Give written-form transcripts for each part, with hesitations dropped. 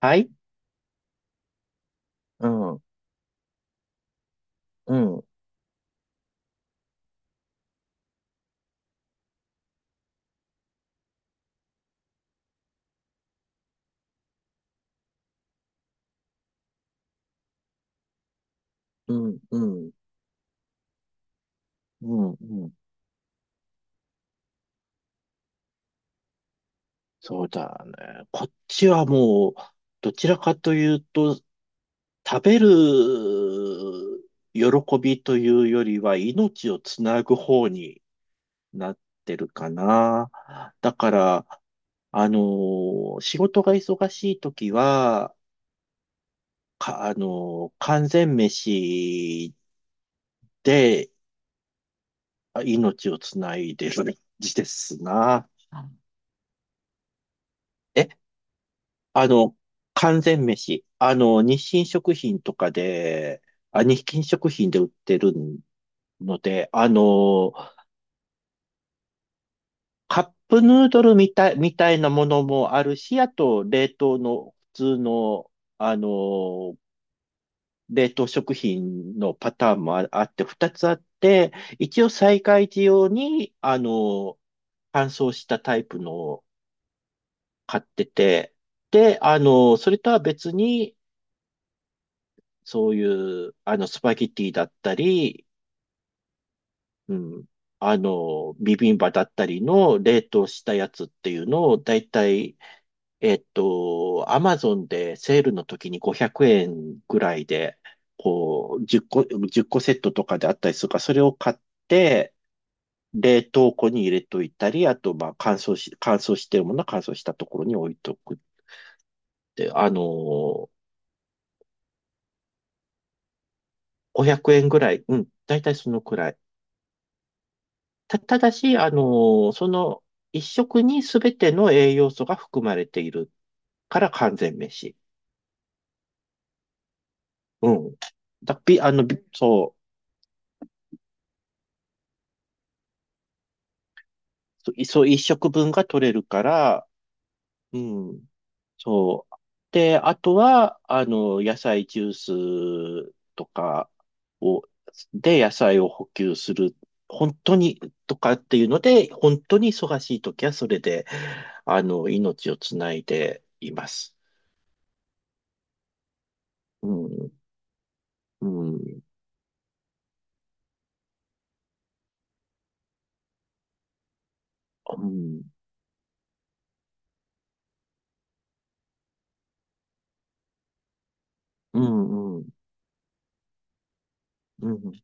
はい。うん、うん、うん、うん、うん、うん。そうだね。こっちはもう、どちらかというと、食べる喜びというよりは、命をつなぐ方になってるかな。だから、仕事が忙しい時は、か、あのー完全飯で命をつないでる感じですな。えあの、完全飯。日清食品で売ってるので、カップヌードルみたいなものもあるし、あと、冷凍の普通の、あの、冷凍食品のパターンもあって、二つあって、一応災害時用に、乾燥したタイプのを買ってて、で、それとは別に、そういう、スパゲティだったり、うん、ビビンバだったりの冷凍したやつっていうのを、だいたい、アマゾンでセールの時に500円ぐらいで、こう、10個、1個セットとかであったりするから、それを買って、冷凍庫に入れといたり、あと、まあ、乾燥してるものは乾燥したところに置いとくって、500円ぐらい、うん、だいたいそのくらい。ただし、その一食に全ての栄養素が含まれているから完全飯。うん。だ、び、あの、びそう、いそう、一食分が取れるから、うん、そう。で、あとは、野菜ジュースとかを、で、野菜を補給する。本当に、とかっていうので、本当に忙しい時はそれで、命をつないでいます。うん、うん。うん、うん、うん、うん、うん、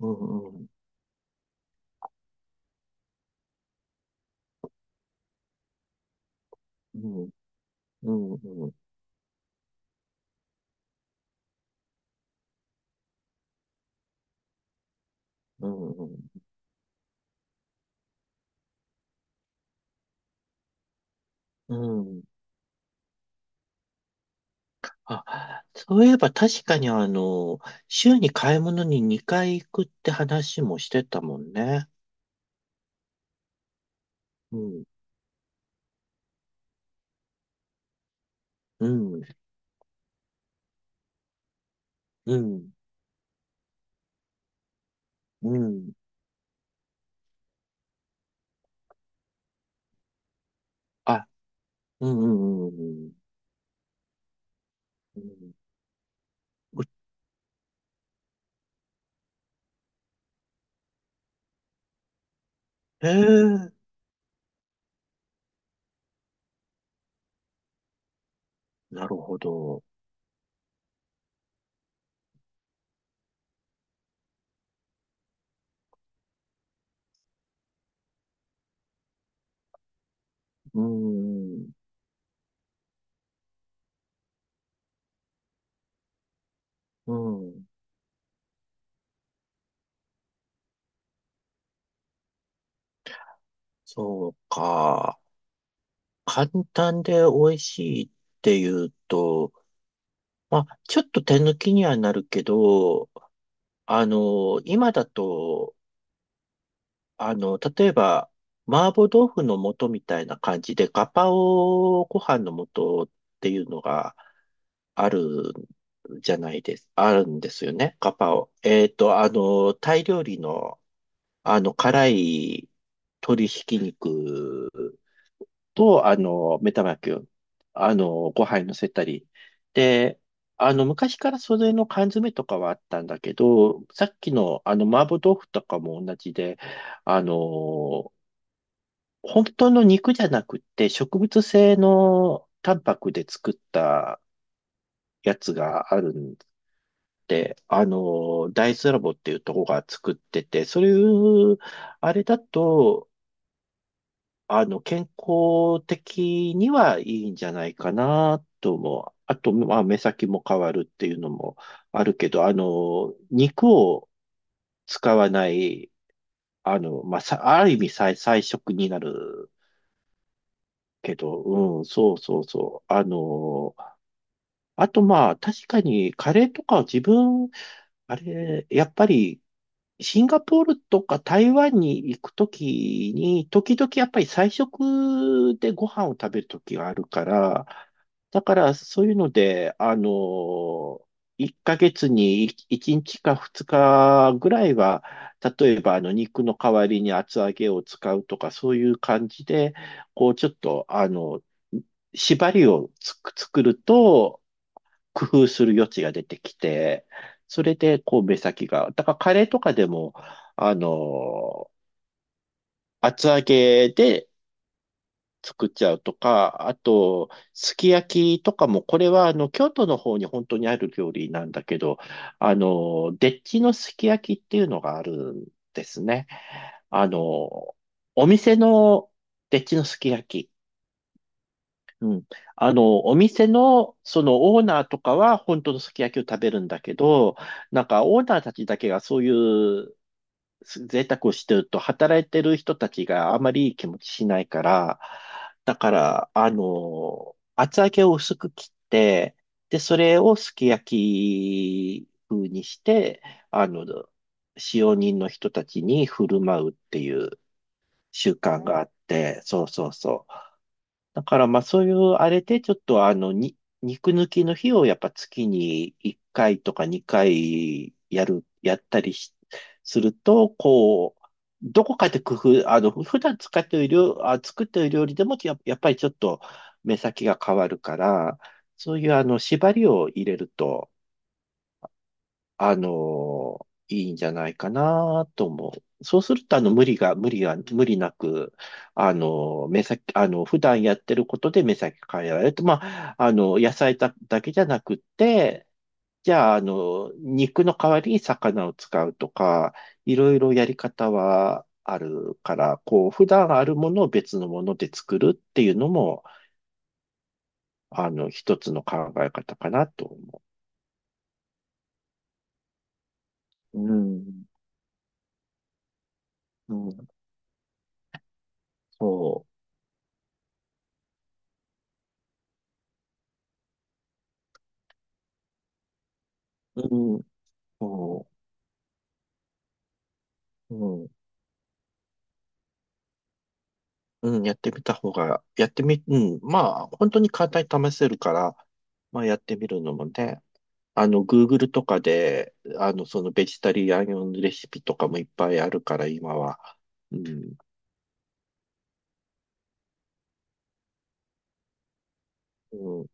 うん、うん、うん、うん、うん、うん。あ、そういえば確かに週に買い物に2回行くって話もしてたもんね。うん、うん、うん、うん。あ、うん、うん、うん、うん。うえーなるほど。うん、うん。そうか。簡単で美味しいっていうと、まあ、ちょっと手抜きにはなるけど、今だと、例えば、麻婆豆腐の素みたいな感じで、ガパオご飯の素っていうのがあるじゃないです。あるんですよね。ガパオ。タイ料理の、辛い鶏ひき肉と、目玉焼きを、ご飯に乗せたり。で、昔からそれの缶詰とかはあったんだけど、さっきの、麻婆豆腐とかも同じで、あの、本当の肉じゃなくて、植物性のタンパクで作ったやつがあるんで、大豆ラボっていうとこが作ってて、そういう、あれだと、健康的にはいいんじゃないかなと思う。あと、まあ、目先も変わるっていうのもあるけど、肉を使わない、まあ、ある意味菜食になるけど、うん、そうそうそう。あとまあ、確かにカレーとかは自分、あれ、やっぱりシンガポールとか台湾に行くときに、時々やっぱり菜食でご飯を食べるときがあるから、だからそういうので、1ヶ月に1日か2日ぐらいは、例えば肉の代わりに厚揚げを使うとか、そういう感じで、こうちょっと、縛りを作ると、工夫する余地が出てきて、それで、こう、目先が。だから、カレーとかでも、あの、厚揚げで作っちゃうとか、あと、すき焼きとかも、これは、京都の方に本当にある料理なんだけど、でっちのすき焼きっていうのがあるんですね。あの、お店のでっちのすき焼き。うん。お店の、そのオーナーとかは本当のすき焼きを食べるんだけど、なんかオーナーたちだけがそういう贅沢をしてると、働いてる人たちがあまりいい気持ちしないから、だから、厚揚げを薄く切って、で、それをすき焼き風にして、あの、使用人の人たちに振る舞うっていう習慣があって、そうそうそう。だからまあそういうあれでちょっとに肉抜きの日をやっぱ月に1回とか2回やったりしすると、こう、どこかで工夫、あの、普段使っている作っている料理でもやっぱりちょっと目先が変わるから、そういう縛りを入れるといいんじゃないかなと思う。そうすると、無理なく、あの、目先、あの、普段やってることで目先変えられると、まあ、野菜だ、だけじゃなくって、じゃあ、肉の代わりに魚を使うとか、いろいろやり方はあるから、こう、普段あるものを別のもので作るっていうのも、一つの考え方かなと思う。うん、うん、そう。うんそう、うん、うん、やってみた方が、やってみ、うん、まあ、本当に簡単に試せるから、まあ、やってみるのもね、Google とかで、そのベジタリアン用のレシピとかもいっぱいあるから、今は。うん、うん、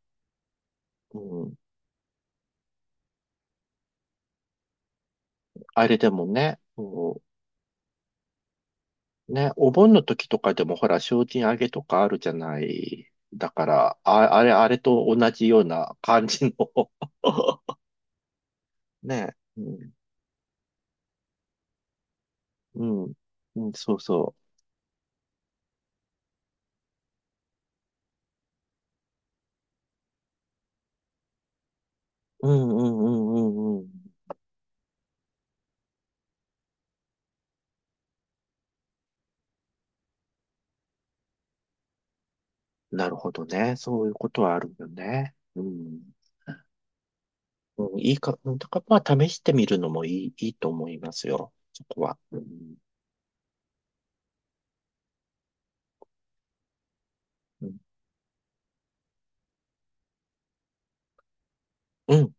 うん。あれでもね、そう、ね、お盆の時とかでも、ほら、精進揚げとかあるじゃない。だから、あ、あれ、あれと同じような感じの ね、うん、うん、うん、そうそう。うんうんうんうんうん。なるほどね。そういうことはあるよね。うん。うん、いいか、うんだからまあ試してみるのもいいと思いますよ。そこは。うん。うん。うん。